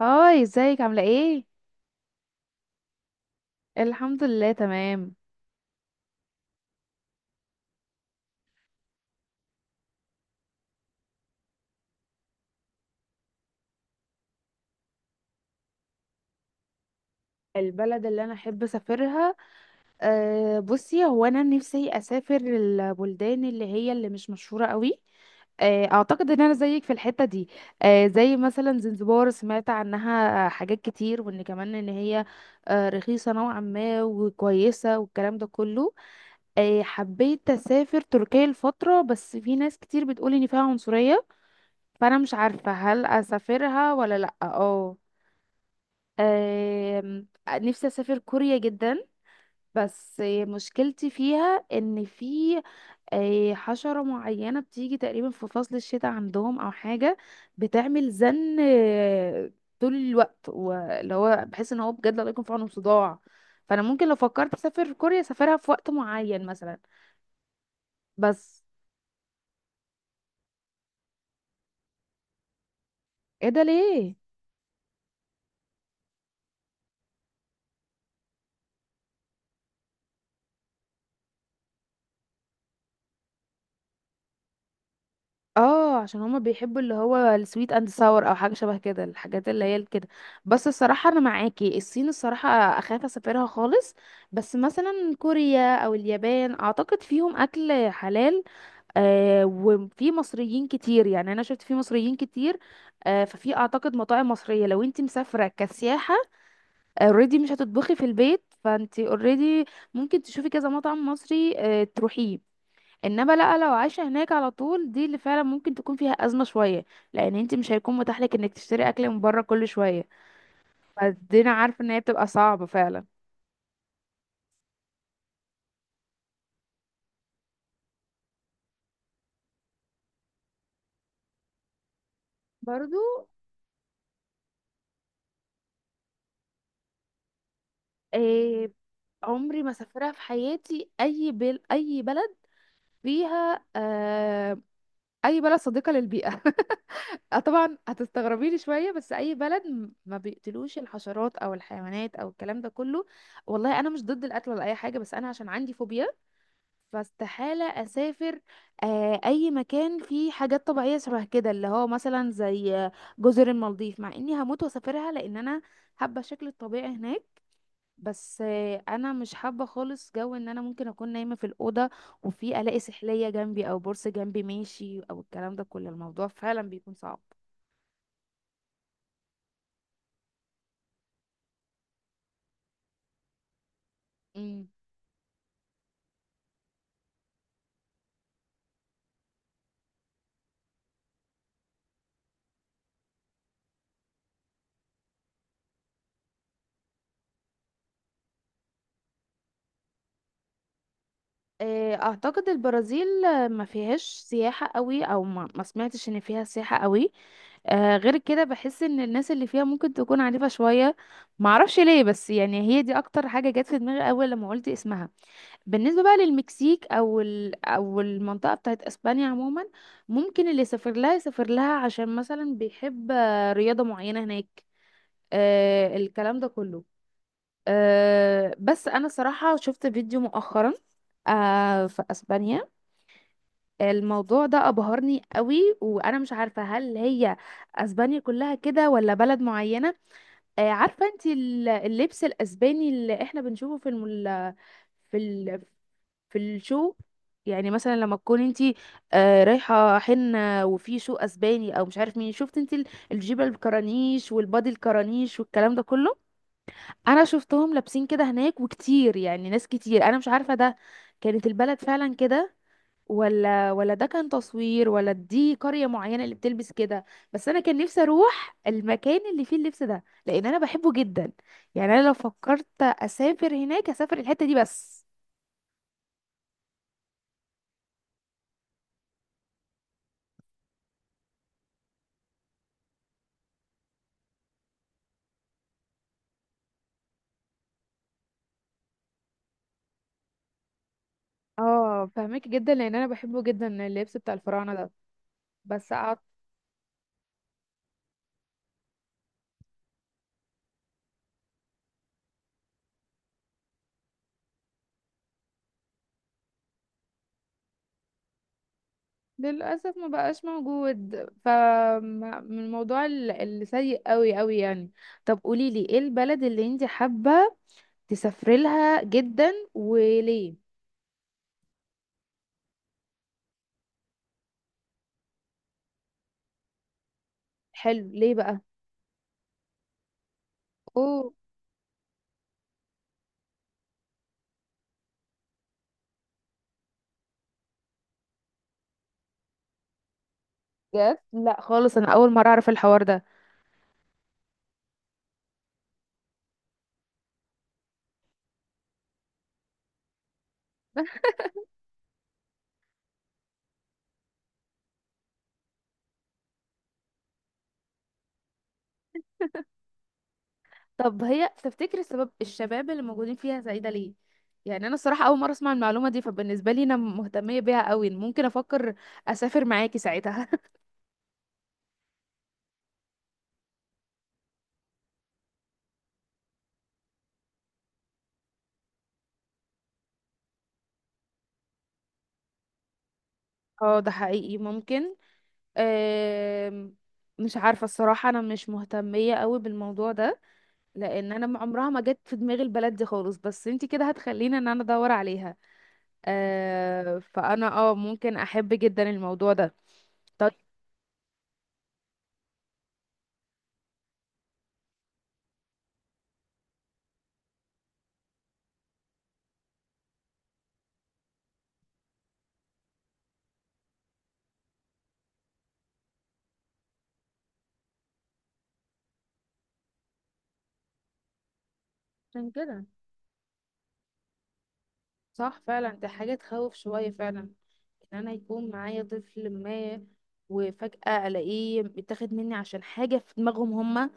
هاي، ازيك عاملة ايه؟ الحمد لله تمام. البلد اللي انا احب اسافرها. بصي، هو انا نفسي اسافر البلدان اللي هي اللي مش مشهورة قوي. اعتقد ان انا زيك في الحتة دي. زي مثلا زنزبار، سمعت عنها حاجات كتير، وان كمان ان هي رخيصة نوعا ما وكويسة والكلام ده كله. حبيت اسافر تركيا الفترة، بس في ناس كتير بتقول ان فيها عنصرية، فانا مش عارفة هل اسافرها ولا لا. اه آم، نفسي اسافر كوريا جدا، بس مشكلتي فيها ان في حشرة معينة بتيجي تقريبا في فصل الشتاء عندهم او حاجة، بتعمل زن طول الوقت، واللي هو بحس ان هو بجد الله يكون في عونهم، صداع. فانا ممكن لو فكرت اسافر كوريا اسافرها في وقت معين مثلا. بس. ايه ده ليه؟ اه، عشان هما بيحبوا اللي هو السويت اند ساور او حاجه شبه كده، الحاجات اللي هي كده. بس الصراحه انا معاكي، الصين الصراحه اخاف اسافرها خالص. بس مثلا كوريا او اليابان اعتقد فيهم اكل حلال. وفي مصريين كتير، يعني انا شفت في مصريين كتير. ففي اعتقد مطاعم مصريه لو انت مسافره كسياحه، اوريدي مش هتطبخي في البيت، فانت اوريدي ممكن تشوفي كذا مطعم مصري تروحيه. انما لا، لو عايشه هناك على طول، دي اللي فعلا ممكن تكون فيها ازمه شويه، لان انت مش هيكون متاح لك انك تشتري اكل من بره كل شويه. فدينا عارفه ان هي بتبقى صعبه فعلا. برضو. إيه؟ عمري ما سافرها في حياتي اي بل اي بلد فيها. اي بلد صديقه للبيئه طبعا هتستغربي لي شويه، بس اي بلد ما بيقتلوش الحشرات او الحيوانات او الكلام ده كله. والله انا مش ضد القتل ولا اي حاجه، بس انا عشان عندي فوبيا، فاستحالة أسافر أي مكان فيه حاجات طبيعية شبه كده، اللي هو مثلا زي جزر المالديف، مع إني هموت وأسافرها لأن أنا حابة الشكل الطبيعي هناك. بس أنا مش حابة خالص جو إن أنا ممكن أكون نايمة في الأوضة وفي ألاقي سحلية جنبي أو بورصة جنبي ماشي أو الكلام ده كله. الموضوع فعلا بيكون صعب. مم. أعتقد البرازيل ما فيهاش سياحة قوي، أو ما سمعتش إن فيها سياحة قوي. غير كده بحس ان الناس اللي فيها ممكن تكون عنيفة شوية. معرفش ليه، بس يعني هي دي اكتر حاجة جت في دماغي اول لما قلت اسمها. بالنسبة بقى للمكسيك او او المنطقة بتاعت اسبانيا عموما، ممكن اللي يسافر لها يسافر لها عشان مثلا بيحب رياضة معينة هناك، الكلام ده كله. بس انا صراحة شفت فيديو مؤخرا في اسبانيا. الموضوع ده ابهرني قوي، وانا مش عارفة هل هي اسبانيا كلها كده ولا بلد معينة. عارفة انت اللبس الأسباني اللي احنا بنشوفه في في في الشو، يعني مثلا لما تكون انت رايحة حنة وفي شو أسباني أو مش عارف مين، شفت انت الجيبة الكرانيش والبادي الكرانيش والكلام ده كله. أنا شفتهم لابسين كده هناك وكتير، يعني ناس كتير. أنا مش عارفة ده كانت البلد فعلا كده ولا ده كان تصوير، ولا دي قرية معينة اللي بتلبس كده. بس انا كان نفسي اروح المكان اللي فيه اللبس ده، لان انا بحبه جدا. يعني انا لو فكرت اسافر هناك، اسافر الحتة دي بس. اه، فهمك جدا، لان انا بحبه جدا اللبس بتاع الفراعنة ده. بس للاسف ما بقاش موجود. ف من الموضوع اللي سيء قوي قوي يعني. طب قولي لي ايه البلد اللي انت حابة تسافري لها جدا وليه؟ حلو، ليه بقى؟ بجد؟ لا خالص، انا اول مره اعرف الحوار ده. طب هي تفتكر السبب الشباب اللي موجودين فيها زايده ليه؟ يعني انا الصراحه اول مره اسمع المعلومه دي، فبالنسبه لي انا مهتميه بيها قوي، ممكن افكر اسافر معاكي ساعتها. اه، ده حقيقي ممكن. أم... مش عارفه الصراحه، انا مش مهتميه قوي بالموضوع ده، لان انا عمرها ما جت في دماغي البلد دي خالص، بس انتي كده هتخليني ان انا ادور عليها. فانا ممكن احب جدا الموضوع ده. طيب. عشان كده صح فعلا، ده حاجة تخوف شوية فعلا، ان انا يكون معايا طفل ما وفجأة الاقيه بيتاخد مني عشان حاجة في دماغهم هما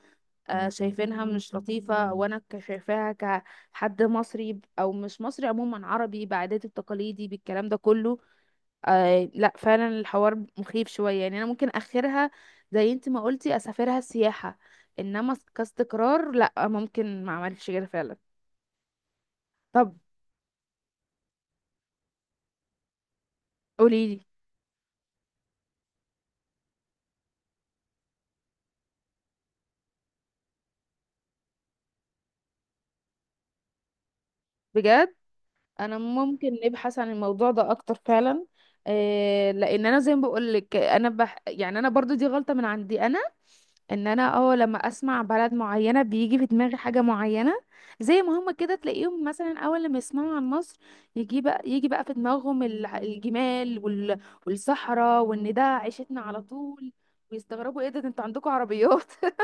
شايفينها مش لطيفة، وانا شايفاها كحد مصري او مش مصري، عموما عربي بعاداتي بتقاليدي بالكلام ده كله. لا فعلا الحوار مخيف شوية، يعني انا ممكن اخرها زي انت ما قلتي اسافرها سياحة، انما كاستقرار لا، ممكن ما اعملش كده فعلا. طب قوليلي. بجد؟ انا ممكن نبحث عن الموضوع ده اكتر فعلا. إيه، لان انا زي ما بقول لك، انا يعني انا برضو دي غلطة من عندي انا، ان انا لما اسمع بلد معينة بيجي في دماغي حاجة معينة. زي ما هما كده تلاقيهم مثلا اول لما يسمعوا عن مصر، يجي بقى في دماغهم الجمال والصحراء، وان ده عيشتنا على طول، ويستغربوا ايه ده انتوا عندكم عربيات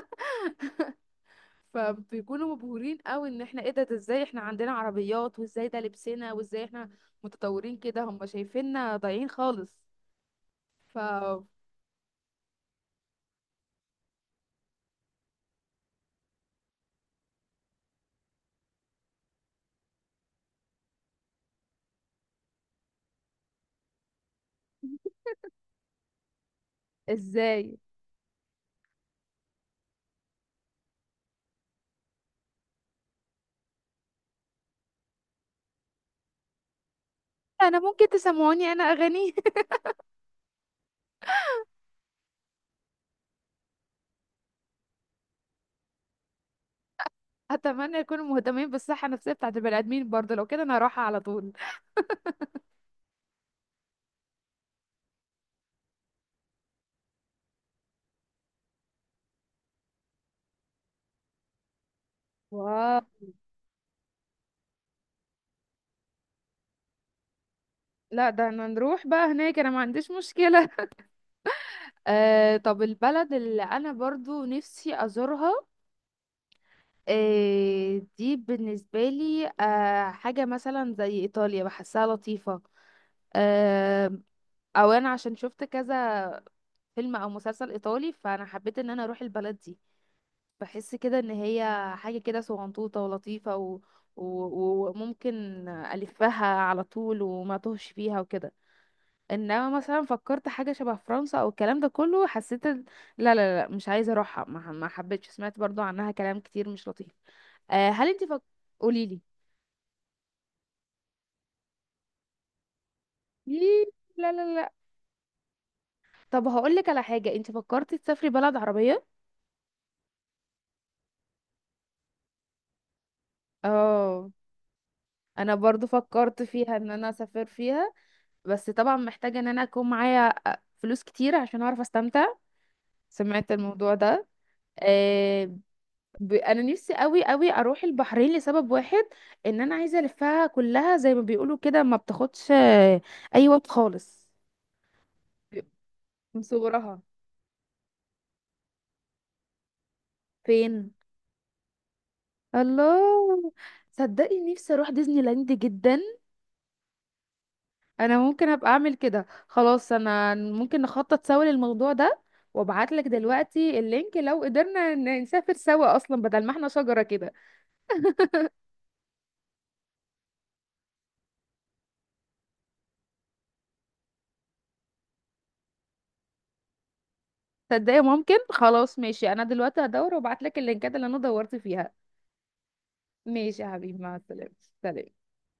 مم. فبيكونوا مبهورين قوي ان احنا، ايه ده ازاي احنا عندنا عربيات، وازاي ده لبسنا، وازاي احنا متطورين كده؟ هم شايفيننا ضايعين خالص. ف، ازاي انا ممكن تسمعوني انا اغاني؟ اتمنى يكونوا مهتمين بالصحه النفسيه بتاعت البني ادمين برضه، لو كده انا هروحها على طول. واو. لا، ده انا نروح بقى هناك، انا ما عنديش مشكلة. طب البلد اللي انا برضو نفسي ازورها، دي بالنسبة لي حاجة مثلا زي ايطاليا، بحسها لطيفة. آم، او انا عشان شفت كذا فيلم او مسلسل ايطالي، فانا حبيت ان انا اروح البلد دي. بحس كده ان هي حاجه كده صغنطوطه ولطيفه وممكن الفها على طول وما توهش فيها وكده. انما مثلا فكرت حاجه شبه فرنسا او الكلام ده كله، حسيت لا لا لا، مش عايزه اروحها، ما حبيتش. سمعت برضو عنها كلام كتير مش لطيف. هل انت. قوليلي، ليه؟ لا لا لا. طب هقولك على حاجه، انت فكرتي تسافري بلد عربيه؟ اه. انا برضو فكرت فيها ان انا اسافر فيها، بس طبعا محتاجة ان انا اكون معايا فلوس كتير عشان اعرف استمتع. سمعت الموضوع ده. آه انا نفسي قوي قوي اروح البحرين لسبب واحد، ان انا عايزة الفها كلها زي ما بيقولوا كده، ما بتاخدش اي وقت خالص. من صغرها. فين؟ الله، صدقني نفسي اروح ديزني لاند جدا. انا ممكن ابقى اعمل كده، خلاص انا ممكن نخطط سوا للموضوع ده، وابعت لك دلوقتي اللينك لو قدرنا نسافر سوا اصلا بدل ما احنا شجرة كده. تصدقي؟ ممكن. خلاص ماشي، انا دلوقتي هدور وابعت لك اللينكات اللي انا دورت فيها. ماشي يا حبيبي، مع السلامة. سلام.